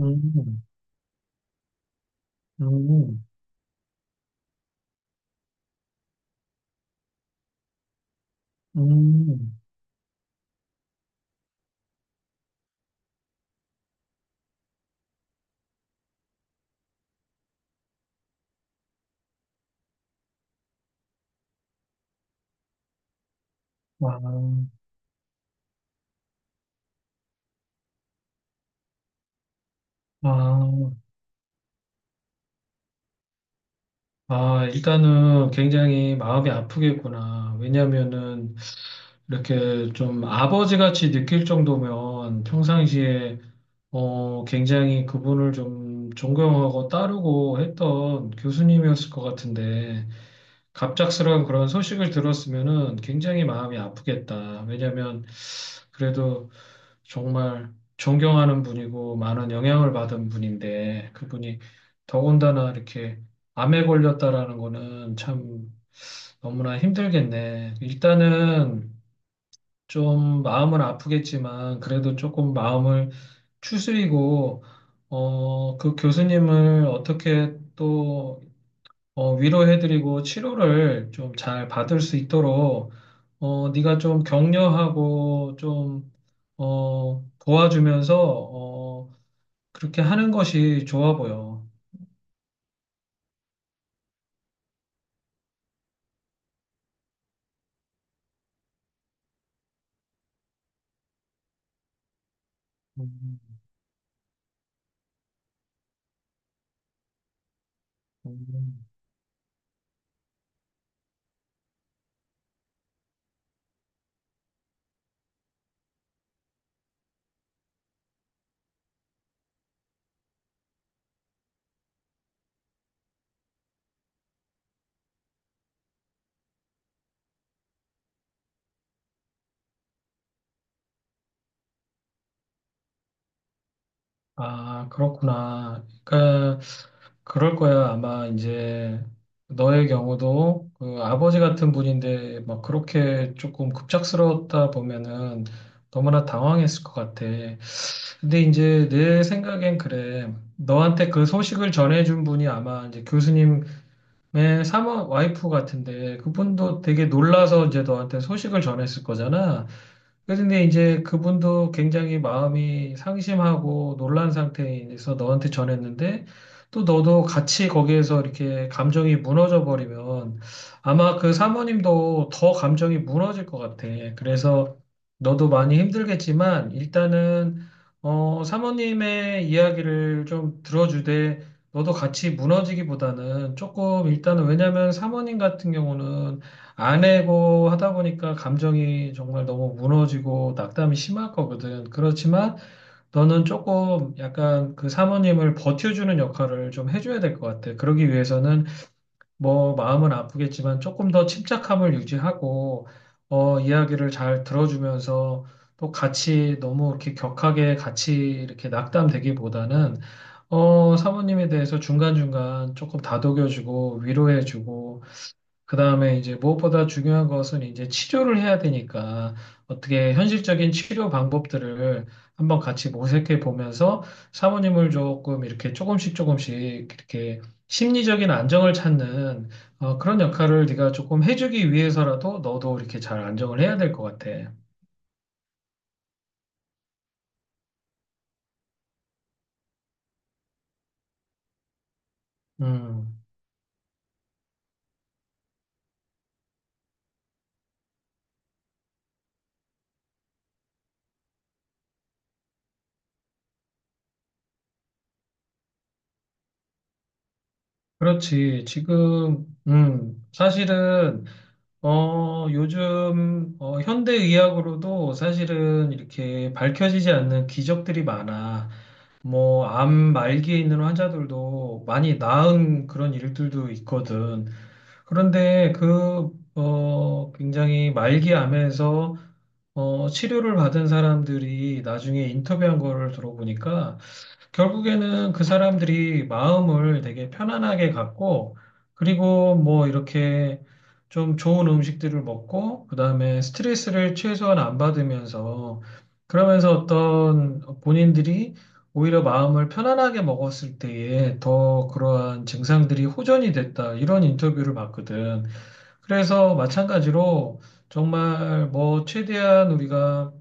음, 음, 음, 와, 아, 아, 일단은 굉장히 마음이 아프겠구나. 왜냐면은 이렇게 좀 아버지 같이 느낄 정도면 평상시에 굉장히 그분을 좀 존경하고 따르고 했던 교수님이었을 것 같은데 갑작스러운 그런 소식을 들었으면은 굉장히 마음이 아프겠다. 왜냐면 그래도 정말 존경하는 분이고 많은 영향을 받은 분인데 그분이 더군다나 이렇게 암에 걸렸다라는 거는 참 너무나 힘들겠네. 일단은 좀 마음은 아프겠지만 그래도 조금 마음을 추스리고 그 교수님을 어떻게 또 위로해드리고 치료를 좀 잘 받을 수 있도록 네가 좀 격려하고 좀 도와주면서 어, 그렇게 하는 것이 좋아 보여. 음, 음. 아, 그렇구나. 그러니까 그럴 거야. 아마 이제 너의 경우도 그 아버지 같은 분인데 막 그렇게 조금 급작스러웠다 보면은 너무나 당황했을 것 같아. 근데 이제 내 생각엔 그래. 너한테 그 소식을 전해준 분이 아마 이제 교수님 내 사마 와이프 같은데 그분도 되게 놀라서 이제 너한테 소식을 전했을 거잖아. 근데 이제 그분도 굉장히 마음이 상심하고 놀란 상태에서 너한테 전했는데 또 너도 같이 거기에서 이렇게 감정이 무너져 버리면 아마 그 사모님도 더 감정이 무너질 것 같아. 그래서 너도 많이 힘들겠지만 일단은 사모님의 이야기를 좀 들어주되 너도 같이 무너지기보다는 조금 일단은 왜냐면 사모님 같은 경우는 안 해고 하다 보니까 감정이 정말 너무 무너지고 낙담이 심할 거거든. 그렇지만 너는 조금 약간 그 사모님을 버텨주는 역할을 좀 해줘야 될 것 같아. 그러기 위해서는 뭐 마음은 아프겠지만 조금 더 침착함을 유지하고 이야기를 잘 들어주면서 또 같이 너무 이렇게 격하게 같이 이렇게 낙담되기보다는 사모님에 대해서 중간중간 조금 다독여주고 위로해주고 그다음에 이제 무엇보다 중요한 것은 이제 치료를 해야 되니까 어떻게 현실적인 치료 방법들을 한번 같이 모색해 보면서 사모님을 조금 이렇게 조금씩 조금씩 이렇게 심리적인 안정을 찾는 그런 역할을 네가 조금 해주기 위해서라도 너도 이렇게 잘 안정을 해야 될 것 같아. 음, 그렇지. 지금, 사실은 요즘 현대의학으로도 사실은 이렇게 밝혀지지 않는 기적들이 많아. 뭐, 암 말기에 있는 환자들도 많이 나은 그런 일들도 있거든. 그런데 굉장히 말기 암에서 치료를 받은 사람들이 나중에 인터뷰한 거를 들어보니까 결국에는 그 사람들이 마음을 되게 편안하게 갖고, 그리고 뭐 이렇게 좀 좋은 음식들을 먹고, 그 다음에 스트레스를 최소한 안 받으면서, 그러면서 어떤 본인들이 오히려 마음을 편안하게 먹었을 때에 더 그러한 증상들이 호전이 됐다, 이런 인터뷰를 봤거든. 그래서 마찬가지로 정말 뭐 최대한 우리가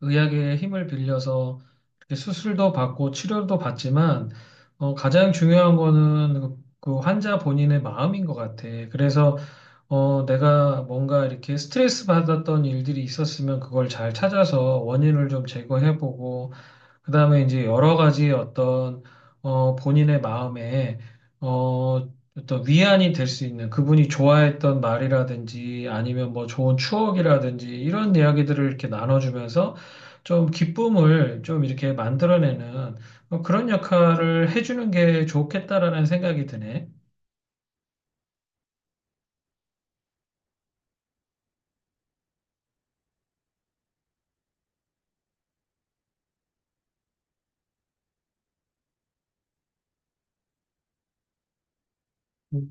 의학의 힘을 빌려서 이렇게 수술도 받고 치료도 받지만 가장 중요한 거는 그그 환자 본인의 마음인 것 같아. 그래서 내가 뭔가 이렇게 스트레스 받았던 일들이 있었으면 그걸 잘 찾아서 원인을 좀 제거해보고 그다음에 이제 여러 가지 어떤 본인의 마음에 어 어떤 위안이 될 수 있는 그분이 좋아했던 말이라든지 아니면 뭐 좋은 추억이라든지 이런 이야기들을 이렇게 나눠주면서 좀 기쁨을 좀 이렇게 만들어내는 뭐 그런 역할을 해주는 게 좋겠다라는 생각이 드네. 음,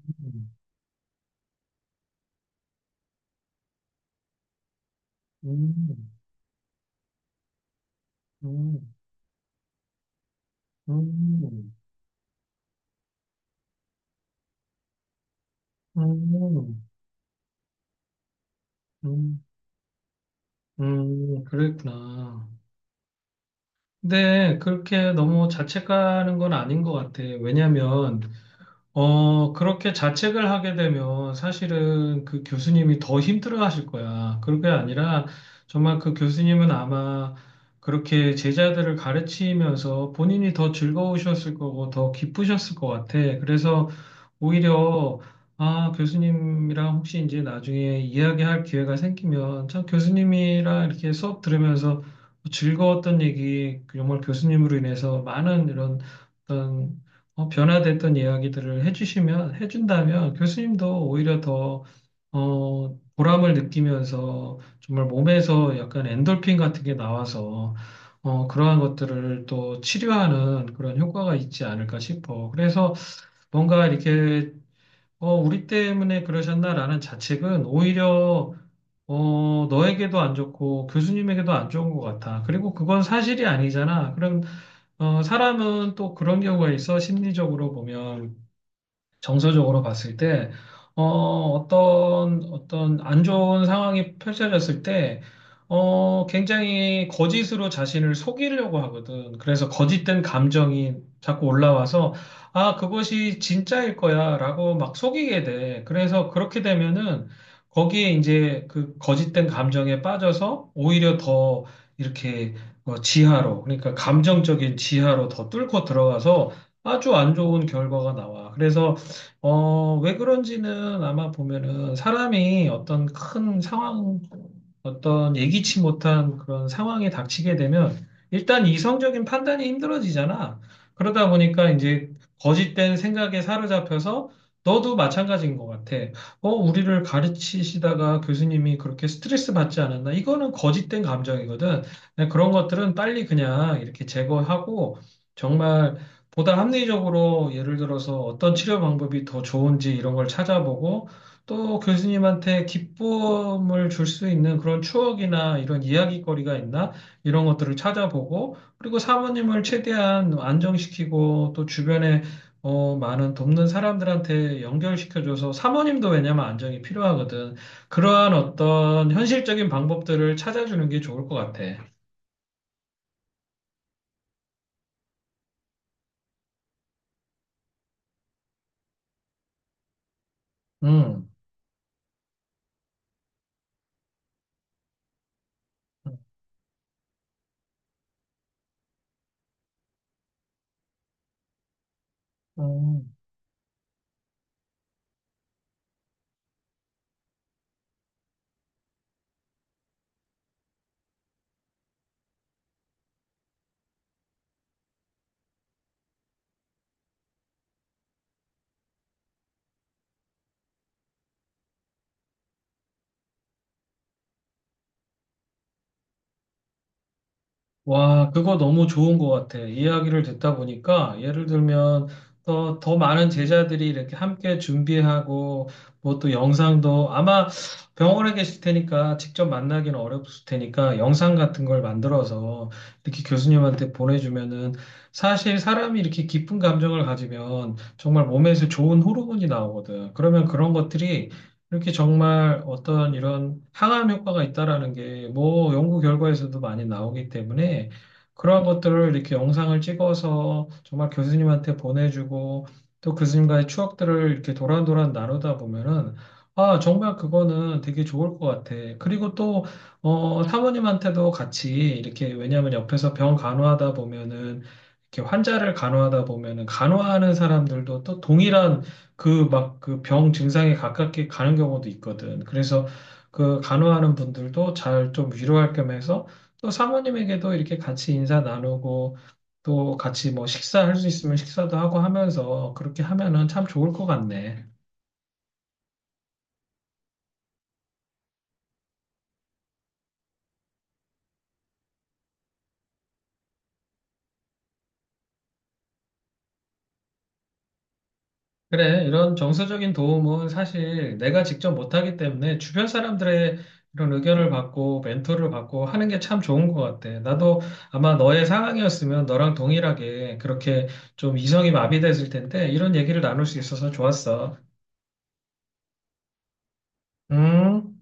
음, 음, 음, 음, 음, 그랬구나. 근데 그렇게 너무 자책하는 건 아닌 것 같아. 왜냐면 그렇게 자책을 하게 되면 사실은 그 교수님이 더 힘들어 하실 거야. 그게 런 아니라 정말 그 교수님은 아마 그렇게 제자들을 가르치면서 본인이 더 즐거우셨을 거고 더 기쁘셨을 것 같아. 그래서 오히려 아, 교수님이랑 혹시 이제 나중에 이야기할 기회가 생기면 참 교수님이랑 이렇게 수업 들으면서 즐거웠던 얘기, 정말 교수님으로 인해서 많은 이런 어떤 변화됐던 이야기들을 해준다면 교수님도 오히려 더, 보람을 느끼면서 정말 몸에서 약간 엔돌핀 같은 게 나와서, 그러한 것들을 또 치료하는 그런 효과가 있지 않을까 싶어. 그래서 뭔가 이렇게, 우리 때문에 그러셨나라는 자책은 오히려 너에게도 안 좋고 교수님에게도 안 좋은 것 같아. 그리고 그건 사실이 아니잖아. 그럼, 사람은 또 그런 경우가 있어. 심리적으로 보면. 정서적으로 봤을 때, 어, 어떤 안 좋은 상황이 펼쳐졌을 때, 굉장히 거짓으로 자신을 속이려고 하거든. 그래서 거짓된 감정이 자꾸 올라와서, 아, 그것이 진짜일 거야, 라고 막 속이게 돼. 그래서 그렇게 되면은, 거기에 이제 그 거짓된 감정에 빠져서 오히려 더 이렇게 지하로, 그러니까 감정적인 지하로 더 뚫고 들어가서 아주 안 좋은 결과가 나와. 그래서 왜 그런지는 아마 보면은 사람이 어떤 큰 상황, 어떤 예기치 못한 그런 상황에 닥치게 되면 일단 이성적인 판단이 힘들어지잖아. 그러다 보니까 이제 거짓된 생각에 사로잡혀서 너도 마찬가지인 것 같아. 우리를 가르치시다가 교수님이 그렇게 스트레스 받지 않았나? 이거는 거짓된 감정이거든. 네, 그런 것들은 빨리 그냥 이렇게 제거하고 정말 보다 합리적으로 예를 들어서 어떤 치료 방법이 더 좋은지 이런 걸 찾아보고 또 교수님한테 기쁨을 줄 수 있는 그런 추억이나 이런 이야기거리가 있나 이런 것들을 찾아보고 그리고 사모님을 최대한 안정시키고 또 주변에 많은 돕는 사람들한테 연결시켜줘서 사모님도 왜냐면 안정이 필요하거든. 그러한 어떤 현실적인 방법들을 찾아주는 게 좋을 것 같아. 음. 음. 와, 그거 너무 좋은 것 같아. 이야기를 듣다 보니까 예를 들면 더 많은 제자들이 이렇게 함께 준비하고 뭐 또 영상도 아마 병원에 계실 테니까 직접 만나기는 어렵을 테니까 영상 같은 걸 만들어서 이렇게 교수님한테 보내주면은 사실 사람이 이렇게 기쁜 감정을 가지면 정말 몸에서 좋은 호르몬이 나오거든. 그러면 그런 것들이 이렇게 정말 어떤 이런 항암 효과가 있다라는 게 뭐 연구 결과에서도 많이 나오기 때문에 그러한 것들을 이렇게 영상을 찍어서 정말 교수님한테 보내주고 또 교수님과의 추억들을 이렇게 도란도란 나누다 보면은 아, 정말 그거는 되게 좋을 것 같아. 그리고 또, 사모님한테도 같이 이렇게 왜냐하면 옆에서 병 간호하다 보면은 이렇게 환자를 간호하다 보면은 간호하는 사람들도 또 동일한 그 막 그 병 증상에 가깝게 가는 경우도 있거든. 그래서 그 간호하는 분들도 잘 좀 위로할 겸 해서 또 사모님에게도 이렇게 같이 인사 나누고 또 같이 뭐 식사할 수 있으면 식사도 하고 하면서 그렇게 하면은 참 좋을 것 같네. 그래, 이런 정서적인 도움은 사실 내가 직접 못하기 때문에 주변 사람들의 이런 의견을 받고 멘토를 받고 하는 게 참 좋은 것 같아. 나도 아마 너의 상황이었으면 너랑 동일하게 그렇게 좀 이성이 마비됐을 텐데 이런 얘기를 나눌 수 있어서 좋았어. 음.